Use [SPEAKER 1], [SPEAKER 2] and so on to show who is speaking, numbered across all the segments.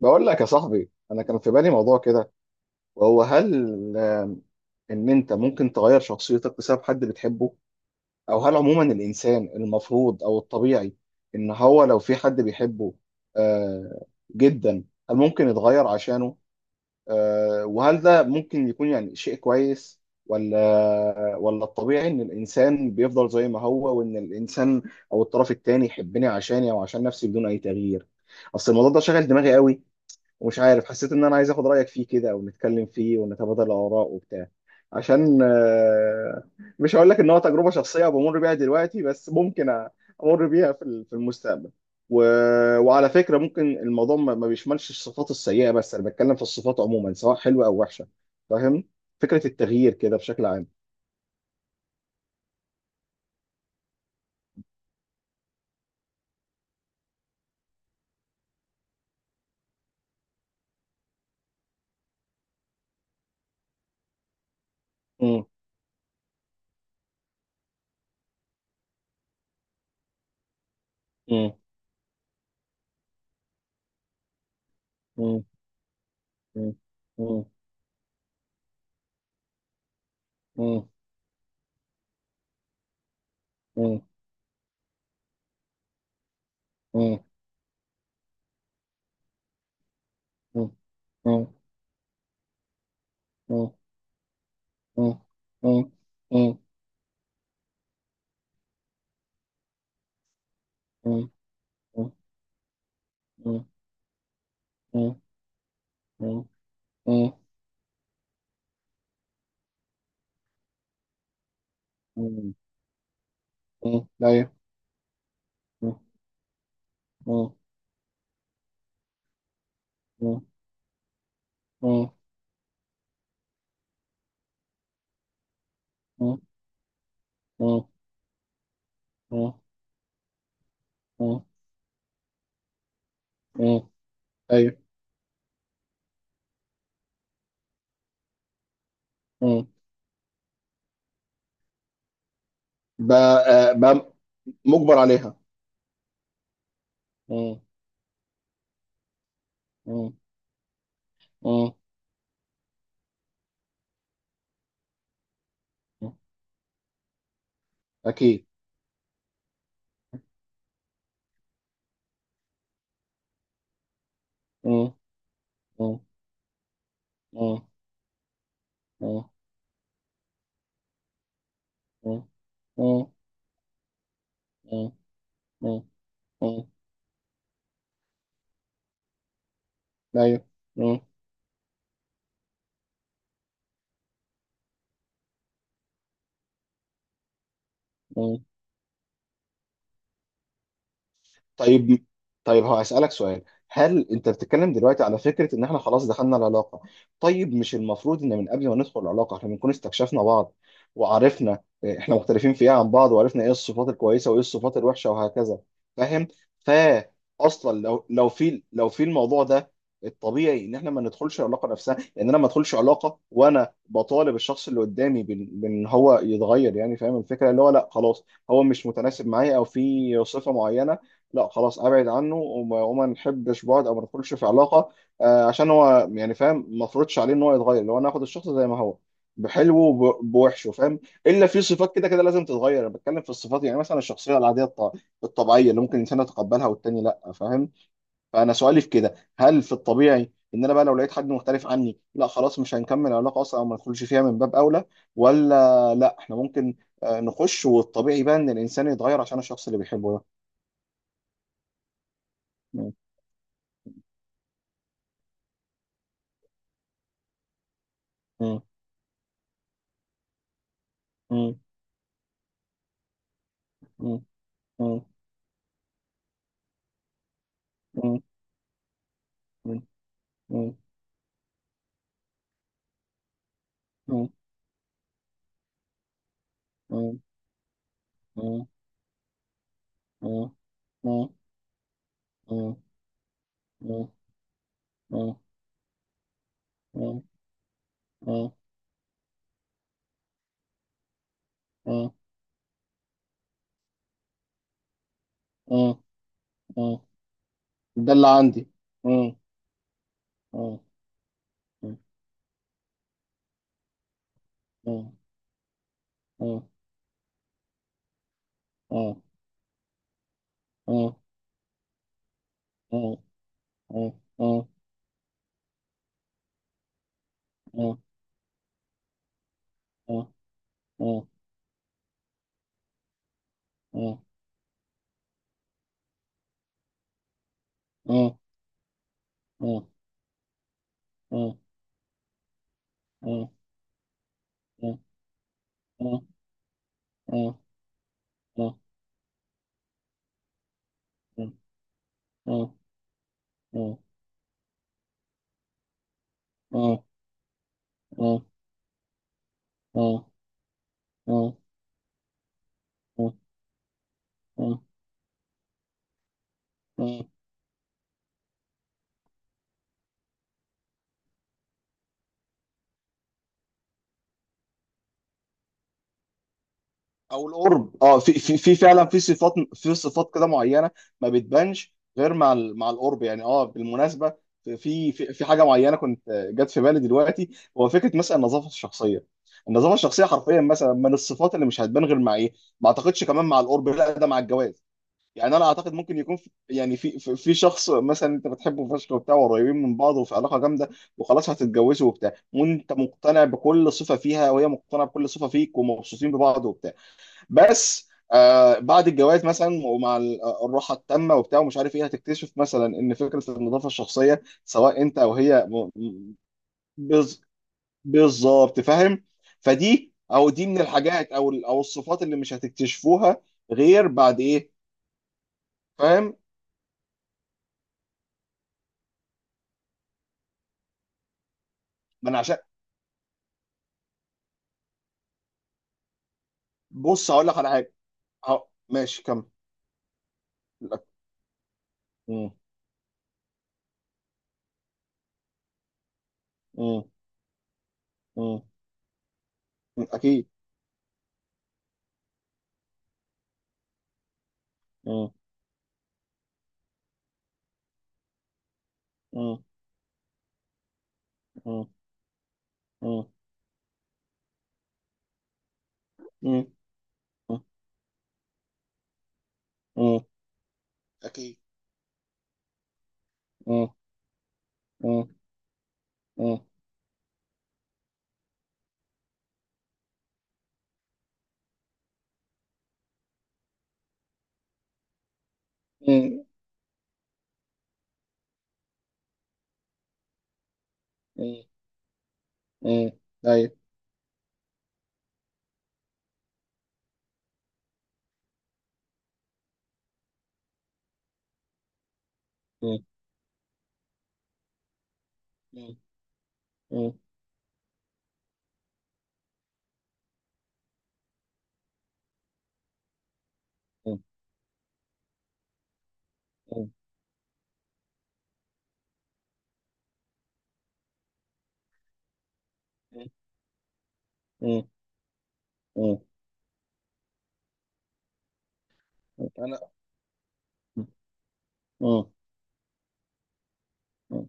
[SPEAKER 1] بقول لك يا صاحبي، انا كان في بالي موضوع كده، وهو هل ان انت ممكن تغير شخصيتك بسبب حد بتحبه؟ او هل عموما الانسان المفروض او الطبيعي ان هو لو في حد بيحبه آه جدا، هل ممكن يتغير عشانه؟ وهل ده ممكن يكون يعني شيء كويس، ولا الطبيعي ان الانسان بيفضل زي ما هو، وان الانسان او الطرف التاني يحبني عشاني او عشان نفسي بدون اي تغيير؟ اصل الموضوع ده شغل دماغي قوي، ومش عارف، حسيت ان انا عايز اخد رايك فيه كده ونتكلم فيه ونتبادل الاراء وبتاع، عشان مش هقول لك ان هو تجربه شخصيه بمر بيها دلوقتي، بس ممكن امر بيها في في المستقبل و... وعلى فكره، ممكن الموضوع ما بيشملش الصفات السيئه، بس انا بتكلم في الصفات عموما سواء حلوه او وحشه، فاهم؟ فكره التغيير كده بشكل عام. مم. مم. مم. مم. مم. مم. مم. مم. مم. مم. مم. مم. مم. مم. مم. مم. مم. مم. مم. مم. أيوه. مم. مم. مم. مم. مم. مم. مم. مم. مم. أيوه. مم. بقى بقى مجبر عليها. مم. مم. مم. مم. أكيد. مم. مم. مم. مم. مم. مم. مم. مم. أيوه. طيب. طيب، هو هسألك سؤال: هل انت بتتكلم دلوقتي على فكرة ان احنا خلاص دخلنا العلاقة؟ طيب مش المفروض ان من قبل ما ندخل العلاقة احنا بنكون استكشفنا بعض، وعرفنا احنا مختلفين في ايه عن بعض، وعرفنا ايه الصفات الكويسة وايه الصفات الوحشة وهكذا؟ فاهم؟ فا اصلا لو في الموضوع ده، الطبيعي ان احنا ما ندخلش العلاقة نفسها، لان انا ما ادخلش علاقة وانا بطالب الشخص اللي قدامي بإن هو يتغير، يعني فاهم الفكرة؟ اللي هو لا خلاص، هو مش متناسب معايا او في صفة معينة، لا خلاص ابعد عنه، وما نحبش بعض او ما ندخلش في علاقه، عشان هو يعني فاهم، ما افرضش عليه ان هو يتغير. لو انا اخد الشخص زي ما هو بحلوه بوحشه، فاهم؟ الا في صفات كده كده لازم تتغير. انا بتكلم في الصفات، يعني مثلا الشخصيه العاديه الطبيعيه اللي ممكن الانسان يتقبلها، والتاني لا، فاهم؟ فانا سؤالي في كده: هل في الطبيعي ان انا بقى لو لقيت حد مختلف عني، لا خلاص مش هنكمل علاقه اصلا او ما ندخلش فيها من باب اولى؟ ولا لا، احنا ممكن نخش، والطبيعي بقى ان الانسان يتغير عشان الشخص اللي بيحبه ده؟ مم. مم. مم. مم. مم. مم. مم. مم. مم. مم. مم. مم. مم. مم. مم. مم. مم. مم. مم. مم. ده اللي عندي. مم. مم. مم. مم. مم. مم. مم. مم. مم. مم. مم. مم. مم. مم. مم. مم. مم. مم. مم. مم. مم. مم. مم. مم. مم. مم. مم. مم. مم. مم. مم. او القرب، في فعلا في صفات كده معينه، ما بتبانش غير مع القرب، يعني بالمناسبه، في في حاجه معينه كنت جت في بالي دلوقتي، هو فكره مثلا النظافه الشخصيه. النظافه الشخصيه حرفيا مثلا من الصفات اللي مش هتبان غير مع ايه؟ ما اعتقدش كمان مع القرب، لا ده مع الجواز. يعني انا اعتقد ممكن يكون في، يعني في شخص مثلا انت بتحبه فشخ وبتاع وقريبين من بعض وفي علاقه جامده، وخلاص هتتجوزوا وبتاع، وانت مقتنع بكل صفه فيها وهي مقتنعه بكل صفه فيك ومبسوطين ببعض وبتاع، بس آه بعد الجواز مثلا ومع الراحه التامه وبتاع ومش عارف ايه، هتكتشف مثلا ان فكره النظافه الشخصيه سواء انت او هي بز- بالظبط، فاهم؟ فدي او دي من الحاجات او او الصفات اللي مش هتكتشفوها غير بعد ايه؟ فاهم؟ ما انا عشان، بص هقول لك على حاجه. ماشي، كمل. لأ. مم. مم. مم. اكيد. مم. مم. مم. مم. مم. مم. اكيد. مم. مم. مم. مم. مم. ايوه. مم. مم. مم. مم. مم. مم. مم. انا. مم. مم.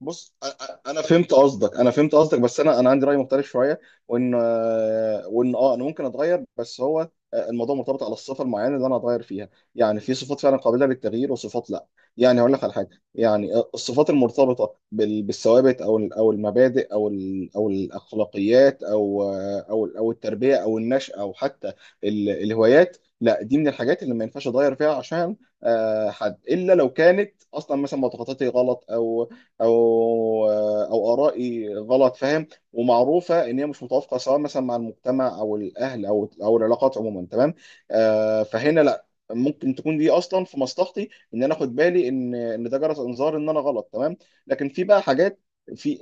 [SPEAKER 1] بص انا فهمت قصدك، انا فهمت قصدك، بس انا عندي راي مختلف شويه، وان انا ممكن اتغير، بس هو الموضوع مرتبط على الصفه المعينه اللي انا اتغير فيها. يعني في صفات فعلا قابله للتغيير وصفات لا. يعني هقول لك على حاجه: يعني الصفات المرتبطه بالثوابت، او او المبادئ، او او الاخلاقيات، او او او التربيه او النشأة، او حتى الهوايات، لا دي من الحاجات اللي ما ينفعش اتغير فيها عشان حد، الا لو كانت اصلا مثلا معتقداتي غلط، او او ارائي غلط، فاهم؟ ومعروفه ان هي مش متوافقه سواء مثلا مع المجتمع او الاهل او العلاقات عموما، تمام. فهنا لا، ممكن تكون دي اصلا في مصلحتي، ان انا اخد بالي ان ده جرس انذار ان انا غلط، تمام. لكن في بقى حاجات، في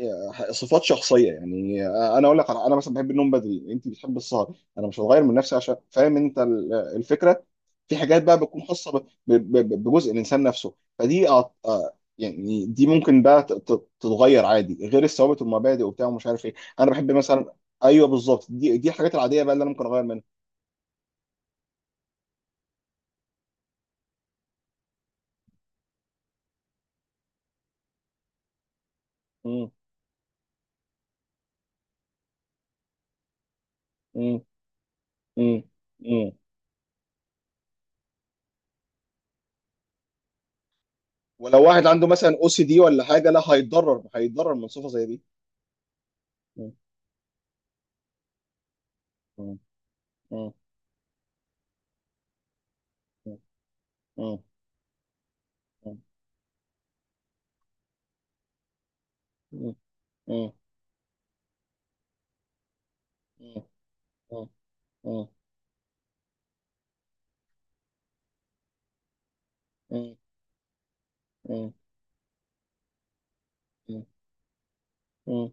[SPEAKER 1] صفات شخصيه، يعني انا اقول لك انا مثلا بحب النوم بدري، انت بتحب السهر، انا مش هتغير من نفسي عشان، فاهم انت الفكره؟ في حاجات بقى بتكون خاصه بجزء الانسان نفسه، فدي يعني دي ممكن بقى تتغير عادي، غير الثوابت والمبادئ وبتاع ومش عارف ايه. انا بحب مثلا. ايوه، بالظبط، دي الحاجات العاديه بقى اللي انا ممكن اغير منها. مم. مم. مم. مم. ولو واحد عنده مثلا OCD ولا حاجه، لا هيتضرر، هيتضرر من صفه زي دي. مم. مم. مم. مم. مم. مم. مم. مم. مم. مم. مم. مم. مم.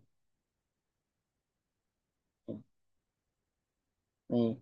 [SPEAKER 1] مم.